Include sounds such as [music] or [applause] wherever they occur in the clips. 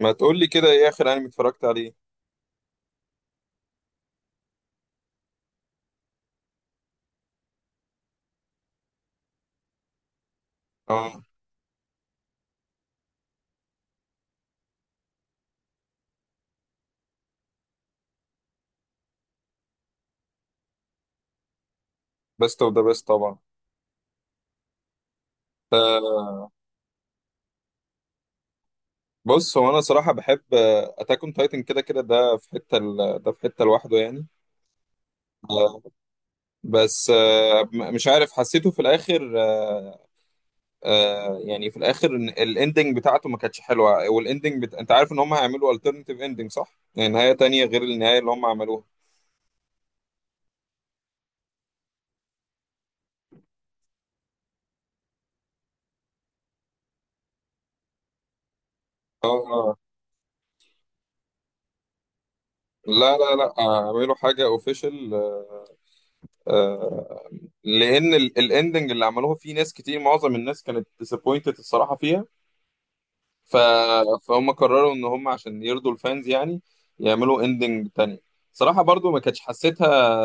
ما تقول لي كده، ايه اخر انمي اتفرجت عليه؟ اه، بيست اوف ذا بيست طبعا. آه، بص، هو انا صراحه بحب اتاك اون تايتن، كده كده ده في حته. ده في حته لوحده يعني. آه، بس، مش عارف، حسيته في الاخر. يعني في الاخر إن الاندنج بتاعته ما كانتش حلوه. انت عارف ان هم هيعملوا الترناتيف اندنج، صح؟ يعني نهايه تانية غير النهايه اللي هم عملوها. اه، لا لا لا، اعملوا حاجة اوفيشال. لان الاندنج اللي عملوها فيه ناس كتير، معظم الناس كانت disappointed الصراحه فيها. ف... فهم قرروا ان هم عشان يرضوا الفانز يعني يعملوا اندنج تانية. صراحه برضو ما كانتش حسيتها.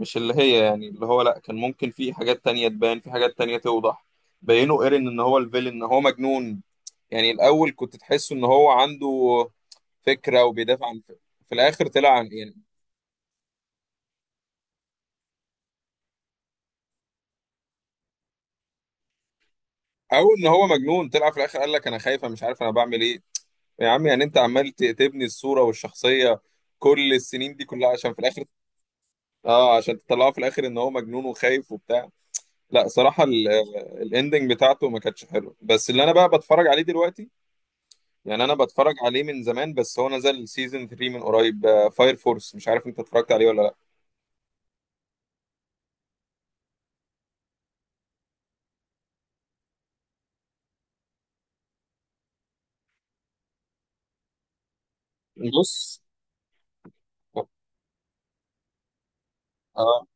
مش اللي هي، يعني اللي هو، لا، كان ممكن في حاجات تانية تبان، في حاجات تانية توضح. بينوا ايرين ان هو الفيلن، ان هو مجنون. يعني الاول كنت تحسه ان هو عنده فكره وبيدافع عن. في الاخر طلع عن يعني. او ان هو مجنون، طلع في الاخر قال لك: انا خايف، أنا مش عارف انا بعمل ايه. يا عم يعني، انت عمال تبني الصورة والشخصية كل السنين دي كلها عشان في الاخر. اه، عشان تطلعه في الاخر ان هو مجنون وخايف وبتاع. لا صراحة، الاندنج بتاعته ما كانتش حلوه. بس اللي انا بقى بتفرج عليه دلوقتي، يعني انا بتفرج عليه من زمان، بس هو نزل سيزون 3 من قريب. فاير فورس، مش عارف انت اتفرجت عليه ولا لا. بص، اه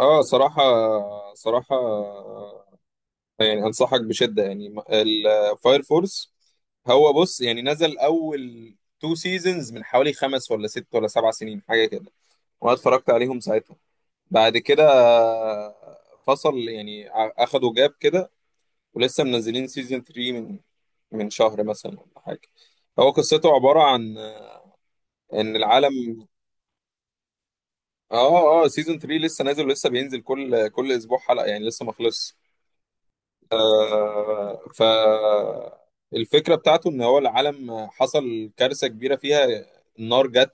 اه، صراحة، صراحة يعني انصحك بشده، يعني الفاير فورس. هو بص، يعني نزل اول تو سيزونز من حوالي خمس ولا ست ولا سبع سنين حاجه كده، وانا اتفرجت عليهم ساعتها. بعد كده فصل يعني، اخدوا جاب كده. ولسه منزلين سيزون 3 من شهر مثلا ولا حاجه. هو قصته عباره عن ان العالم. اه اه، سيزون 3 لسه نازل ولسه بينزل كل اسبوع حلقه يعني، لسه ما خلصش. آه، ف الفكرة بتاعته ان هو العالم حصل كارثة كبيرة فيها. النار جت،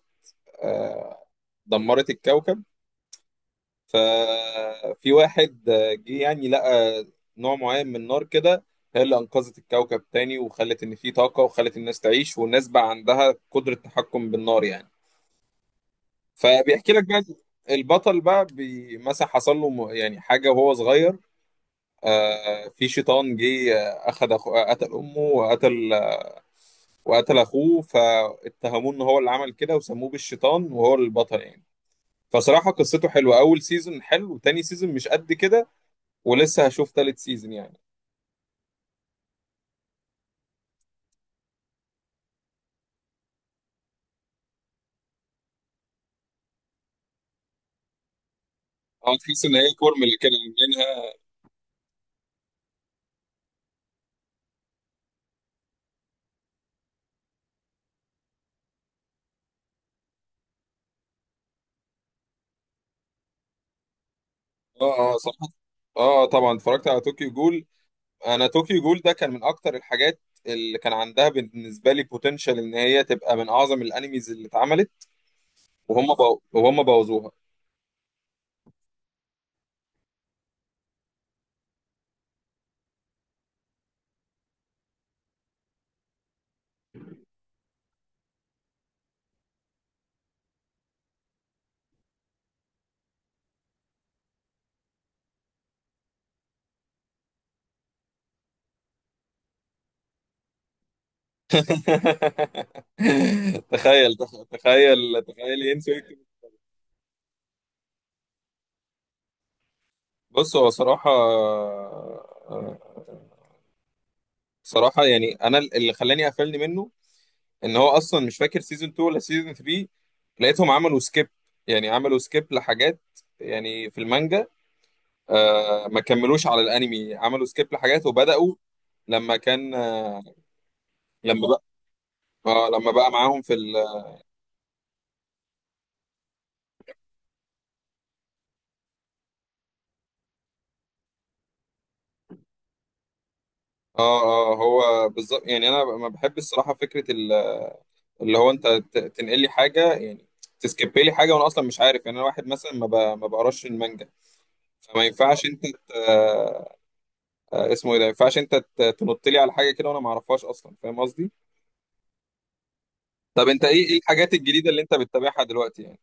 آه، دمرت الكوكب. ففي واحد جه يعني لقى نوع معين من النار كده، هي اللي انقذت الكوكب تاني وخلت ان في طاقة وخلت الناس تعيش، والناس بقى عندها قدرة تحكم بالنار يعني. فبيحكي لك بقى. البطل بقى مثلا حصل له يعني حاجة وهو صغير. في شيطان جه، قتل امه وقتل اخوه، فاتهموه ان هو اللي عمل كده وسموه بالشيطان، وهو البطل يعني. فصراحة قصته حلوة. اول سيزون حلو، تاني سيزون مش قد كده، ولسه هشوف تالت سيزون يعني. اه، تحس ان هي كورمل كده عاملينها. اه اه، صراحة. اه طبعا، اتفرجت على طوكيو جول. انا طوكيو جول ده كان من اكتر الحاجات اللي كان عندها بالنسبة لي بوتنشال ان هي تبقى من اعظم الانميز اللي اتعملت. وهم بوظوها. [laughs] تخيل، تخيل، تخيل ينسوا! بص، هو صراحة صراحة يعني، أنا اللي خلاني قفلني منه إن هو أصلا مش فاكر سيزون 2 ولا سيزون 3. لقيتهم عملوا سكيب، يعني عملوا سكيب لحاجات، يعني في المانجا ما كملوش على الأنمي، عملوا سكيب لحاجات وبدأوا. لما كان آه، لما بقى اه لما بقى معاهم في ال، اه اه. هو بالظبط يعني، انا ما بحب الصراحه فكره اللي هو انت تنقل لي حاجه، يعني تسكيب لي حاجه وانا اصلا مش عارف. يعني انا واحد مثلا ما بقراش المانجا. فما ينفعش انت ت... اسمه ايه ده، ما ينفعش انت تنط لي على حاجه كده وانا ما اعرفهاش اصلا، فاهم قصدي؟ طب انت، ايه الحاجات الجديده اللي انت بتتابعها دلوقتي يعني؟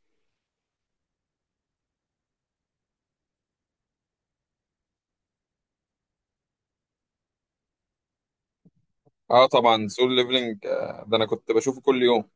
اه طبعا، سول ليفلنج ده انا كنت بشوفه كل يوم.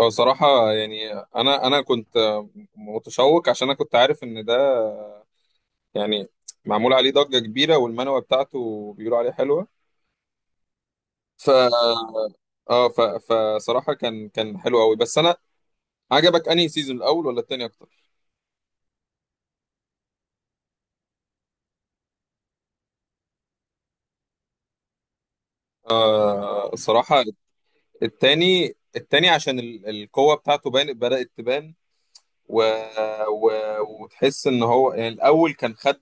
هو صراحه يعني، انا كنت متشوق عشان انا كنت عارف ان ده يعني معمول عليه ضجه كبيره والمانوا بتاعته بيقولوا عليه حلوه. ف فصراحه كان حلو قوي، بس انا. عجبك انهي سيزون، الاول ولا التاني اكتر؟ صراحة، التاني عشان القوة بتاعته بان، بدأت تبان. و... و... وتحس ان هو يعني الاول كان خد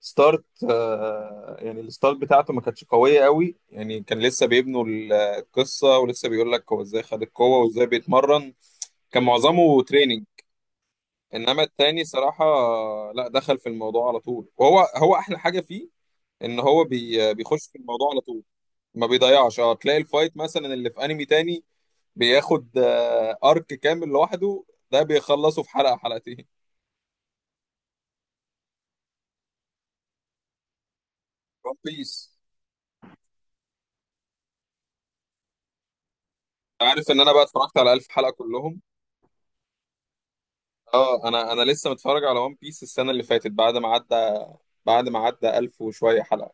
ستارت. يعني الستارت بتاعته ما كانتش قوية قوي يعني، كان لسه بيبنوا القصة ولسه بيقول لك هو ازاي خد القوة وازاي بيتمرن. كان معظمه تريننج. انما التاني صراحة، لا، دخل في الموضوع على طول، وهو هو احلى حاجة فيه ان هو بيخش في الموضوع على طول. ما بيضيعش. اه، تلاقي الفايت مثلا اللي في انمي تاني بياخد ارك كامل لوحده، ده بيخلصه في حلقه حلقتين. ون بيس، عارف ان انا بقى اتفرجت على الف حلقه كلهم. اه، انا لسه متفرج على ون بيس السنه اللي فاتت بعد ما عدى، الف وشويه حلقه.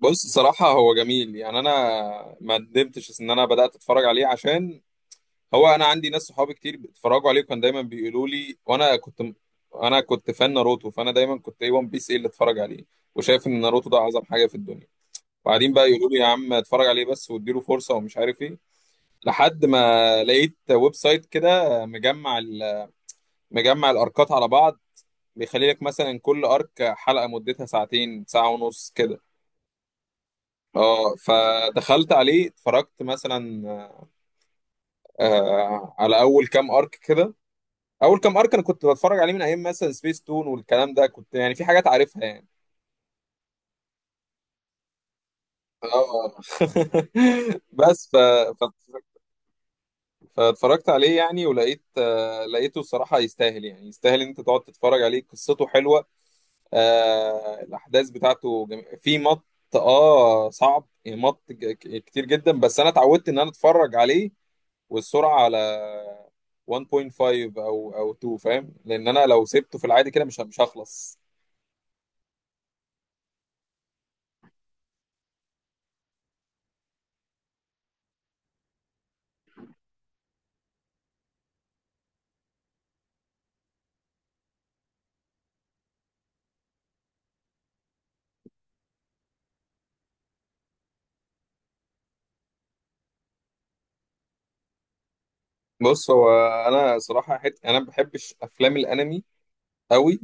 بص صراحه، هو جميل يعني، انا ما ندمتش ان انا بدات اتفرج عليه، عشان هو انا عندي ناس صحابي كتير بيتفرجوا عليه وكان دايما بيقولوا لي. وانا كنت انا كنت فان ناروتو، فانا دايما كنت: ايه ون بيس، ايه اللي اتفرج عليه، وشايف ان ناروتو ده اعظم حاجه في الدنيا. وبعدين بقى يقولوا لي: يا عم اتفرج عليه بس، واديله فرصه ومش عارف ايه. لحد ما لقيت ويب سايت كده مجمع مجمع الاركات على بعض، بيخلي لك مثلا كل ارك حلقه مدتها ساعتين، ساعه ونص كده. اه، فدخلت عليه، اتفرجت مثلا على اول كام ارك كده. اول كام ارك انا كنت بتفرج عليه من ايام مثلا سبيس تون والكلام ده، كنت يعني في حاجات عارفها يعني. اه. [laughs] بس. ف... فاتفرجت عليه يعني، ولقيت لقيته الصراحة يستاهل، يعني يستاهل ان انت تقعد تتفرج عليه، قصته حلوة. الاحداث بتاعته جم... في مط اه، صعب يعني، كتير جدا، بس انا اتعودت ان انا اتفرج عليه والسرعة على 1.5 او 2، فاهم، لان انا لو سبته في العادي كده مش هخلص. بص، هو انا صراحة انا ما بحبش افلام الانمي قوي،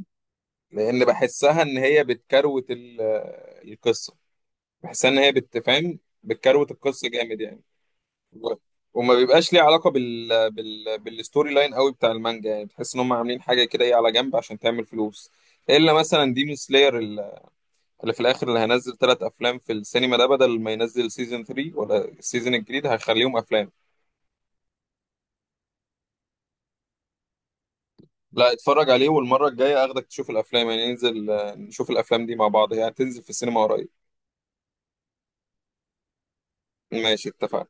لان بحسها ان هي بتكروت القصة، بحسها ان هي بتفهم، بتكروت القصه جامد يعني. و- وما بيبقاش ليه علاقه بالستوري لاين قوي بتاع المانجا، يعني بتحس ان هم عاملين حاجه كده ايه على جنب عشان تعمل فلوس. الا مثلا ديمون سلاير، اللي في الاخر اللي هينزل ثلاث افلام في السينما، ده بدل ما ينزل سيزون 3 ولا السيزون الجديد هيخليهم افلام. لا، اتفرج عليه، والمره الجايه اخدك تشوف الافلام، يعني ننزل نشوف الافلام دي مع بعض، هي يعني هتنزل في السينما قريب. ماشي، اتفقنا.